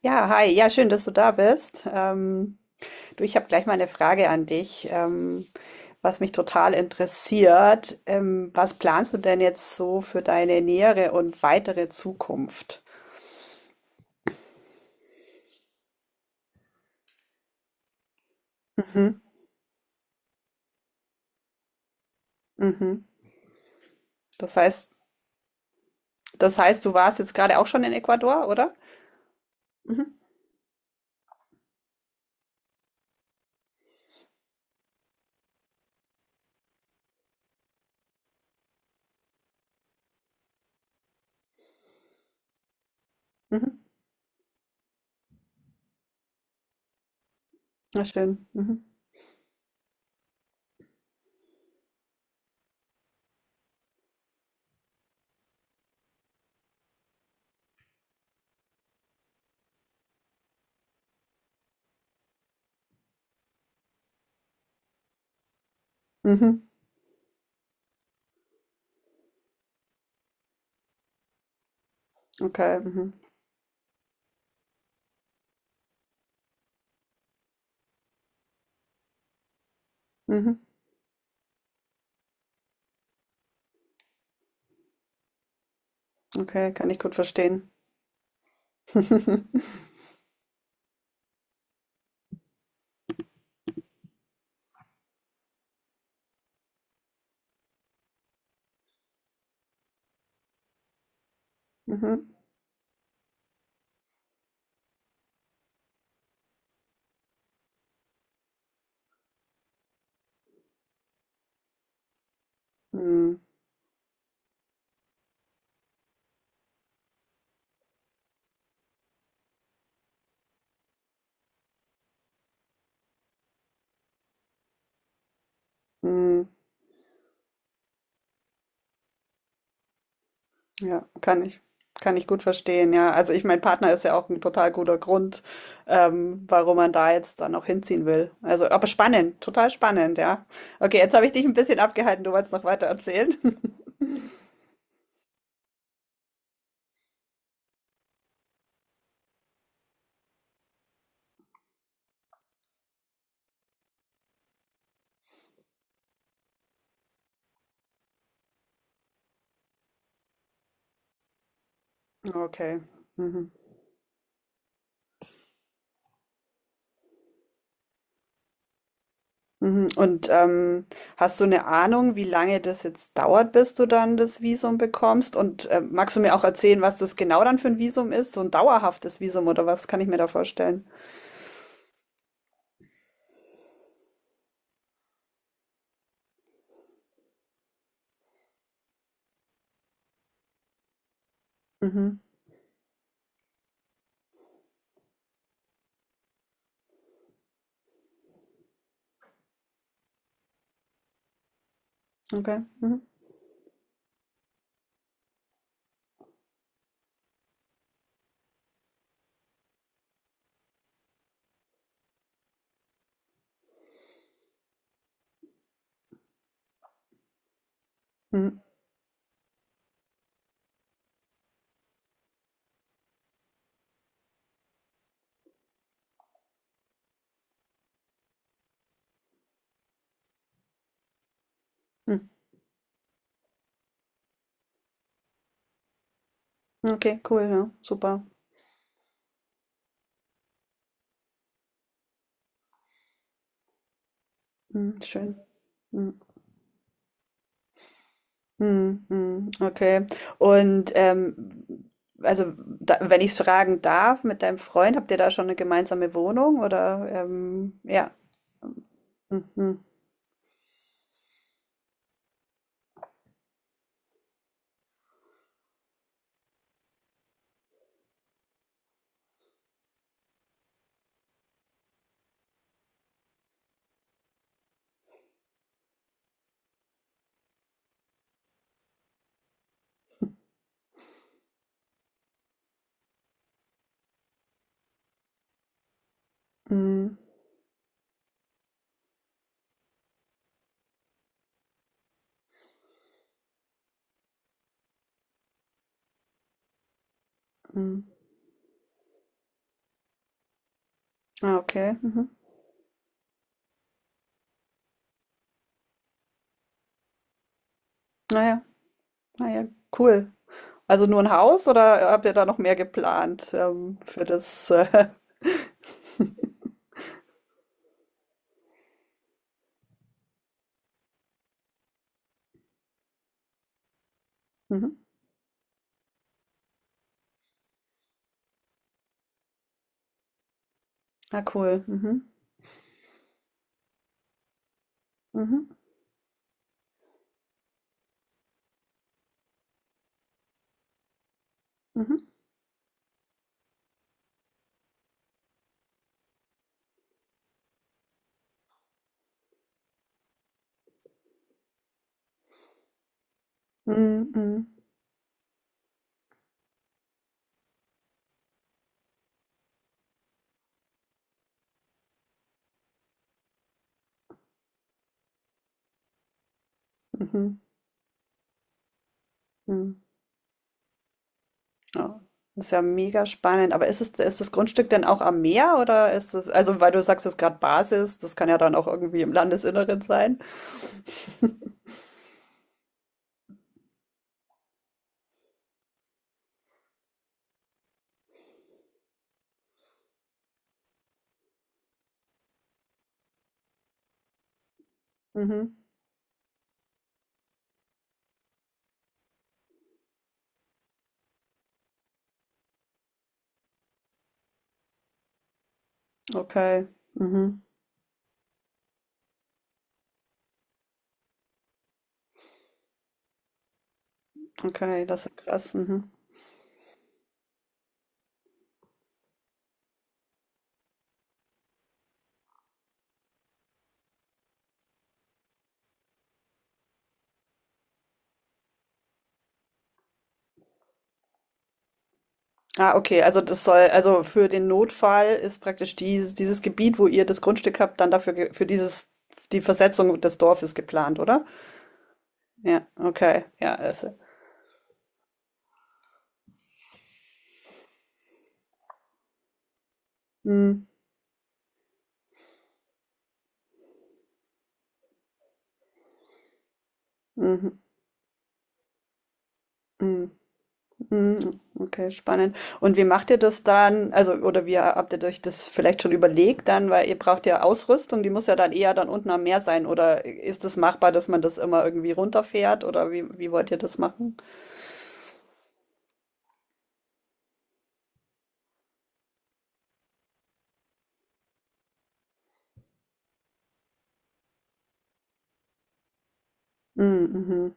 Ja, hi. Ja, schön, dass du da bist. Du, ich habe gleich mal eine Frage an dich, was mich total interessiert. Was planst du denn jetzt so für deine nähere und weitere Zukunft? Mhm, mhm. Das heißt, das heißt, du warst jetzt gerade auch schon in Ecuador, oder? Mhm, mhm. Na schön. Mhm, mhm. Okay, mhm, mhm. Okay, kann ich gut verstehen. Mhm, mhm. Ja, kann ich. Kann ich gut verstehen, ja. Also ich, mein Partner ist ja auch ein total guter Grund, warum man da jetzt dann auch hinziehen will. Also, aber spannend, total spannend, ja. Okay, jetzt habe ich dich ein bisschen abgehalten, du wolltest noch weiter erzählen. Okay. Mhm. Mhm. Und hast du eine Ahnung, wie lange das jetzt dauert, bis du dann das Visum bekommst? Und magst du mir auch erzählen, was das genau dann für ein Visum ist? So ein dauerhaftes Visum oder was kann ich mir da vorstellen? Mhm. Okay. Mhm. Mhm. Mhm. Okay, cool, ja, super. Mhm, schön. Mhm. Mhm, mhm, okay. Und also, da, wenn ich es fragen darf, mit deinem Freund, habt ihr da schon eine gemeinsame Wohnung oder ja. Mhm, mhm, mhm. Ah, okay. Mhm. Naja, naja, cool. Also nur ein Haus oder habt ihr da noch mehr geplant für das? Mhm. Ah, cool. Mhm, mhm, mhm, mhm, mhm, mhm, mhm. Ja, das ist ja mega spannend. Aber ist es, ist das Grundstück denn auch am Meer oder ist es, also weil du sagst, es ist gerade Basis, das kann ja dann auch irgendwie im Landesinneren sein. Mhm. Okay. Mhm. Okay, das ist krass. Mhm. Ah, okay, also das soll, also für den Notfall ist praktisch dieses, dieses Gebiet, wo ihr das Grundstück habt, dann dafür, ge- für dieses, die Versetzung des Dorfes geplant, oder? Ja, okay, ja, also. Mhm. Mhm. Mhm. Mhm, okay, spannend. Und wie macht ihr das dann? Also, oder wie habt ihr euch das vielleicht schon überlegt dann, weil ihr braucht ja Ausrüstung, die muss ja dann eher dann unten am Meer sein. Oder ist es machbar, dass man das immer irgendwie runterfährt? Oder wie, wie wollt ihr das machen? Mhm, mhm.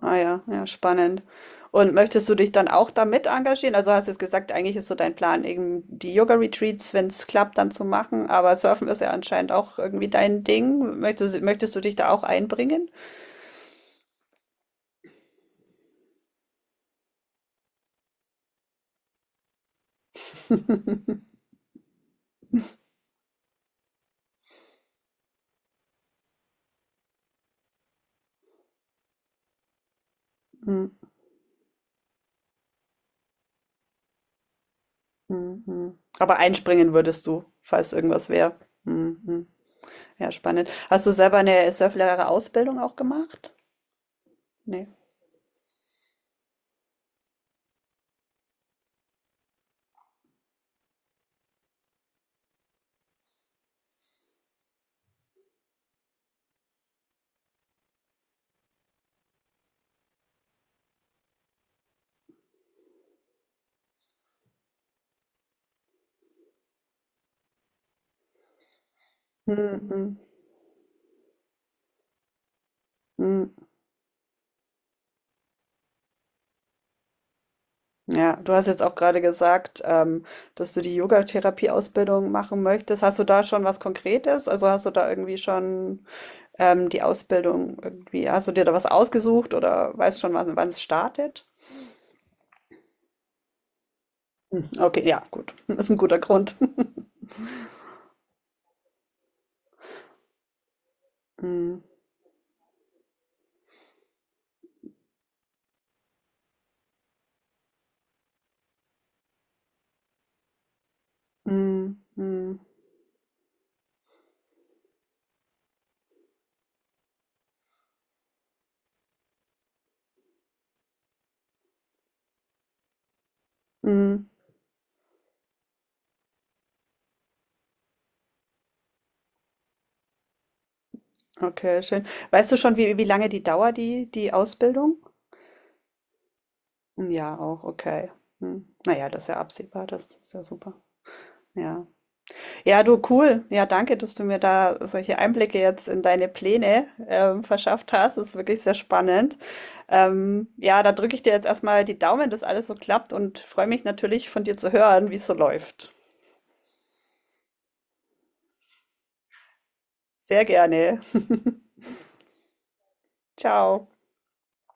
Ah ja, ja, spannend. Und möchtest du dich dann auch damit engagieren? Also hast jetzt gesagt, eigentlich ist so dein Plan, eben die Yoga-Retreats, wenn es klappt, dann zu machen. Aber Surfen ist ja anscheinend auch irgendwie dein Ding. Möchtest du dich da auch einbringen? Mhm, mhm. Aber einspringen würdest du, falls irgendwas wäre. Mhm, mhm. Ja, spannend. Hast du selber eine Surflehrer-Ausbildung auch gemacht? Nee. Mhm, mhm. Ja, du hast jetzt auch gerade gesagt, dass du die Yogatherapie-Ausbildung machen möchtest. Hast du da schon was Konkretes? Also hast du da irgendwie schon die Ausbildung irgendwie, hast du dir da was ausgesucht oder weißt schon, wann wann es startet? Okay, ja, gut. Das ist ein guter Grund. Mhm. Mhm. Mhm. Mhm. Okay, schön. Weißt du schon, wie, wie lange die dauert, die, die Ausbildung? Ja, auch, okay. Hm. Naja, das ist ja absehbar, das ist ja super. Ja. Ja, du, cool. Ja, danke, dass du mir da solche Einblicke jetzt in deine Pläne verschafft hast. Das ist wirklich sehr spannend. Ja, da drücke ich dir jetzt erstmal die Daumen, dass alles so klappt und freue mich natürlich von dir zu hören, wie es so läuft. Sehr gerne. Ciao.